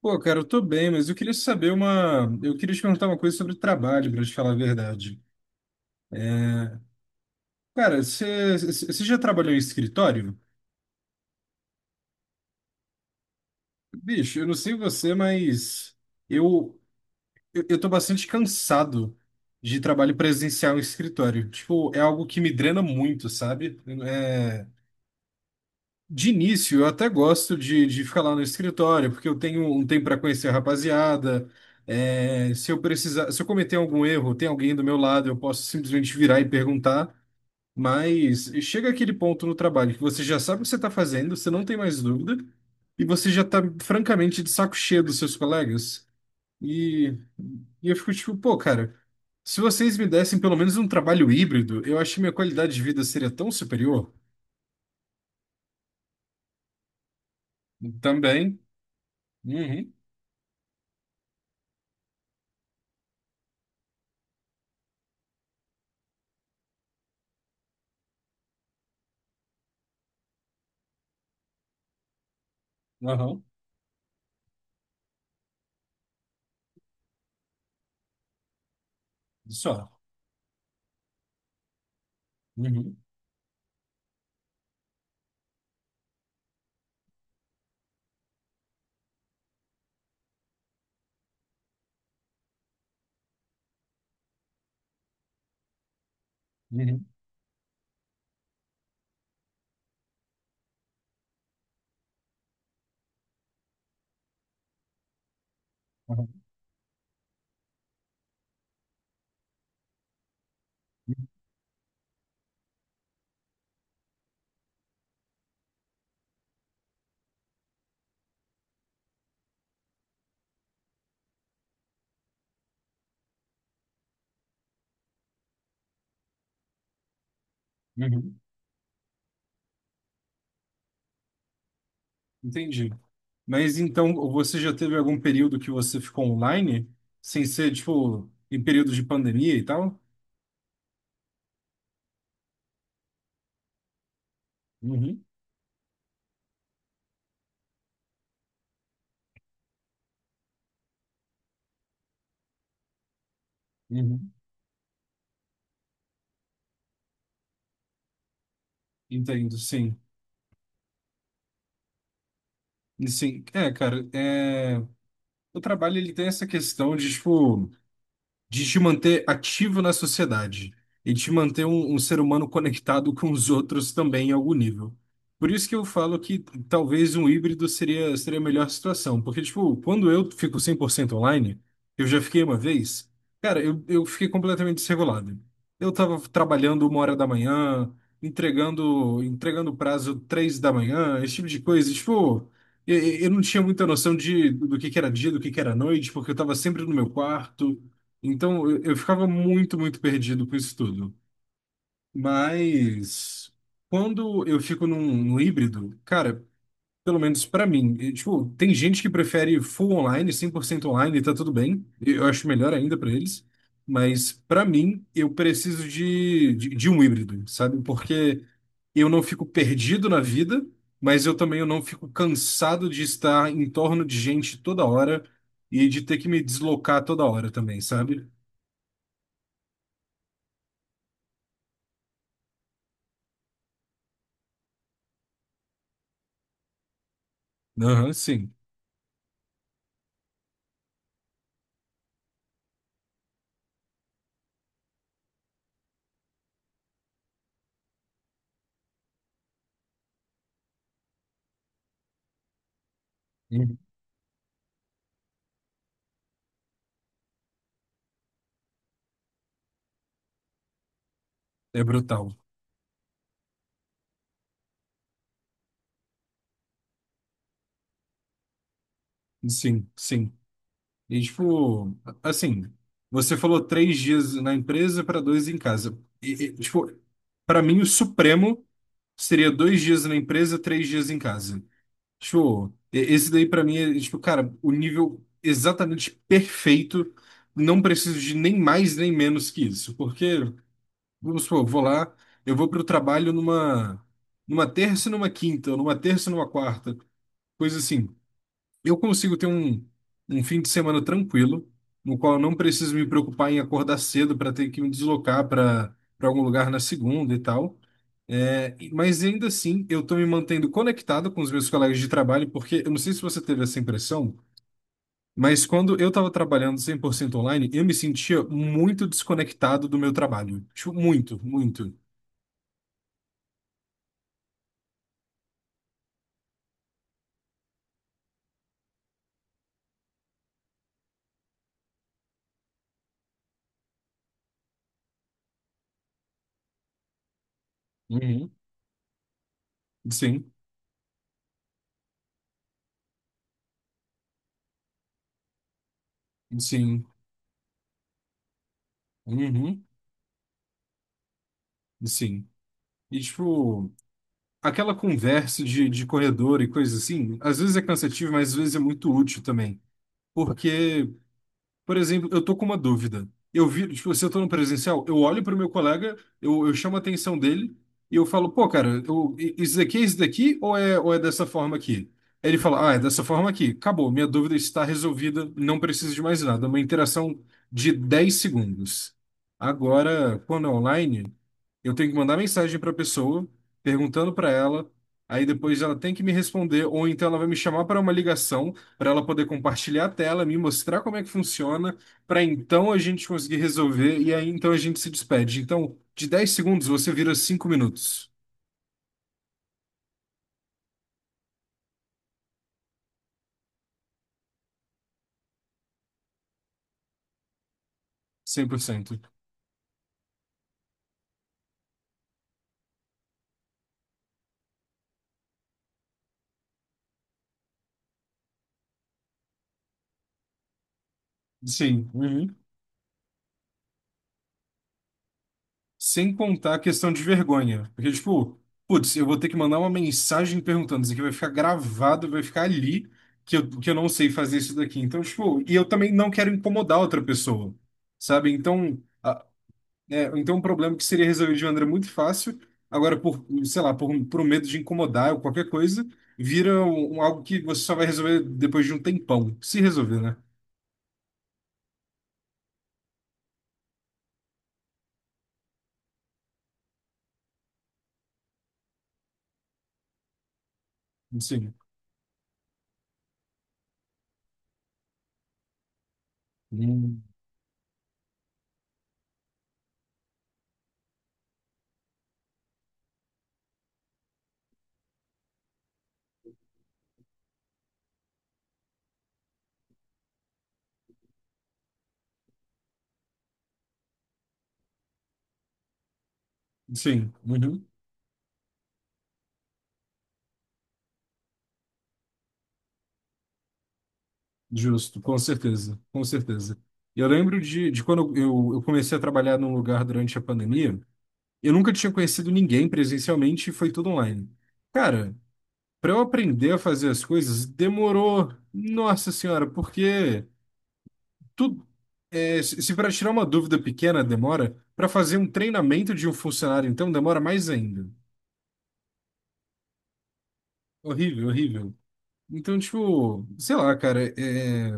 Pô, cara, eu tô bem, mas eu queria saber uma. Eu queria te perguntar uma coisa sobre trabalho, pra te falar a verdade. Cara, você já trabalhou em escritório? Bicho, eu não sei você, mas eu, eu tô bastante cansado de trabalho presencial em escritório. Tipo, é algo que me drena muito, sabe? É, de início, eu até gosto de ficar lá no escritório, porque eu tenho um tempo para conhecer a rapaziada. É, se eu precisar, se eu cometer algum erro, tem alguém do meu lado, eu posso simplesmente virar e perguntar. Mas chega aquele ponto no trabalho que você já sabe o que você está fazendo, você não tem mais dúvida, e você já está francamente de saco cheio dos seus colegas. E, e eu fico tipo, pô, cara, se vocês me dessem pelo menos um trabalho híbrido, eu acho que minha qualidade de vida seria tão superior. Também. Uhum. Aham. Só. Uhum, uhum, uhum, uhum. Entendi. Mas então você já teve algum período que você ficou online, sem ser, tipo, em períodos de pandemia e tal? Uhum, uhum. Entendo, sim. Sim. É, cara, é o trabalho ele tem essa questão de, tipo, de te manter ativo na sociedade e te manter um ser humano conectado com os outros também em algum nível. Por isso que eu falo que talvez um híbrido seria a melhor situação, porque, tipo, quando eu fico 100% online, eu já fiquei uma vez, cara, eu fiquei completamente desregulado. Eu tava trabalhando 1 hora da manhã, entregando prazo 3 da manhã, esse tipo de coisa. E, tipo, Eu eu não tinha muita noção de, do que era dia, do que era noite, porque eu estava sempre no meu quarto, então, eu ficava muito, muito perdido com isso tudo. Mas quando eu fico num híbrido, cara, pelo menos pra mim, e, tipo, tem gente que prefere full online, 100% online, e tá tudo bem. Eu acho melhor ainda pra eles. Mas pra mim, eu preciso de um híbrido, sabe? Porque eu não fico perdido na vida, mas eu também eu não fico cansado de estar em torno de gente toda hora e de ter que me deslocar toda hora também, sabe? Aham, sim. Uhum. É brutal. Sim, sim. E, tipo, assim, você falou 3 dias na empresa para dois em casa. E, tipo, para mim, o supremo seria 2 dias na empresa, 3 dias em casa. Tipo, esse daí para mim é, tipo, cara, o nível exatamente perfeito. Não preciso de nem mais nem menos que isso. Porque, vamos supor, eu vou lá, eu vou para o trabalho numa, numa terça e numa quinta, ou numa terça e numa quarta, coisa assim. Eu consigo ter um fim de semana tranquilo, no qual eu não preciso me preocupar em acordar cedo para ter que me deslocar para algum lugar na segunda e tal. É, mas ainda assim, eu estou me mantendo conectado com os meus colegas de trabalho, porque eu não sei se você teve essa impressão, mas quando eu estava trabalhando 100% online, eu me sentia muito desconectado do meu trabalho. Tipo, muito, muito. Uhum. Sim, sim, uhum, sim. E, tipo, aquela conversa de corredor e coisas assim, às vezes é cansativo, mas às vezes é muito útil também. Porque, por exemplo, eu tô com uma dúvida. Eu vi, tipo, se eu tô no presencial, eu olho pro meu colega, eu chamo a atenção dele e eu falo, pô, cara, isso daqui é isso daqui ou é dessa forma aqui? Aí ele fala, ah, é dessa forma aqui. Acabou, minha dúvida está resolvida, não preciso de mais nada. É uma interação de 10 segundos. Agora, quando é online, eu tenho que mandar mensagem para a pessoa, perguntando para ela, aí depois ela tem que me responder, ou então ela vai me chamar para uma ligação, para ela poder compartilhar a tela, me mostrar como é que funciona, para então a gente conseguir resolver, e aí então a gente se despede. Então, de 10 segundos você vira 5 minutos, 100%. Sim. Uhum. Sem contar a questão de vergonha. Porque, tipo, putz, eu vou ter que mandar uma mensagem perguntando. Isso aqui vai ficar gravado, vai ficar ali que eu não sei fazer isso daqui. Então, tipo, e eu também não quero incomodar outra pessoa, sabe? Então, um problema que seria resolvido de maneira muito fácil, agora por, sei lá, por, por um medo de incomodar ou qualquer coisa, vira um algo que você só vai resolver depois de um tempão. Se resolver, né? Sim. Hum. Sim. Uhum. Justo, com certeza, com certeza. Eu lembro de quando eu comecei a trabalhar num lugar durante a pandemia, eu nunca tinha conhecido ninguém presencialmente e foi tudo online. Cara, para eu aprender a fazer as coisas, demorou, nossa senhora, porque tudo, é, se para tirar uma dúvida pequena demora, para fazer um treinamento de um funcionário, então demora mais ainda. Horrível, horrível. Então, tipo, sei lá, cara, é,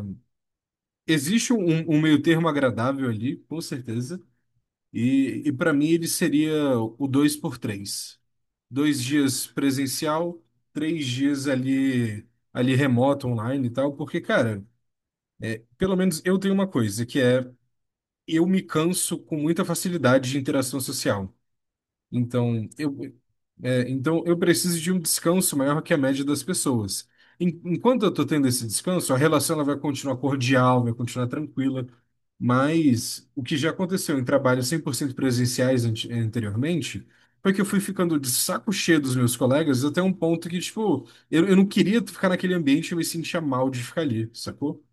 existe um meio termo agradável ali, com certeza. E para mim ele seria o dois por três. 2 dias presencial, três dias ali remoto, online e tal, porque, cara, pelo menos eu tenho uma coisa, que é eu me canso com muita facilidade de interação social. Então, eu, então, eu preciso de um descanso maior que a média das pessoas. Enquanto eu estou tendo esse descanso, a relação ela vai continuar cordial, vai continuar tranquila, mas o que já aconteceu em trabalhos 100% presenciais anteriormente foi que eu fui ficando de saco cheio dos meus colegas até um ponto que, tipo, eu não queria ficar naquele ambiente, eu me sentia mal de ficar ali, sacou?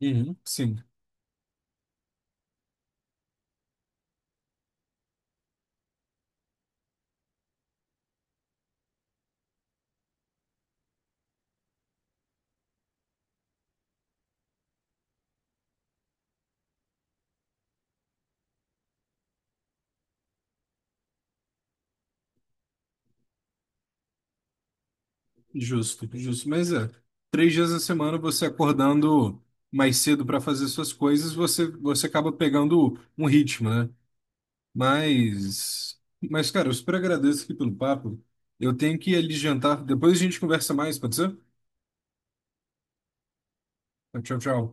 Uhum. Sim. Justo, justo. Mas é, 3 dias a semana você acordando mais cedo para fazer suas coisas, você acaba pegando um ritmo, né? Mas, mas, cara, eu super agradeço aqui pelo papo. Eu tenho que ir ali jantar. Depois a gente conversa mais, pode ser? Tchau, tchau.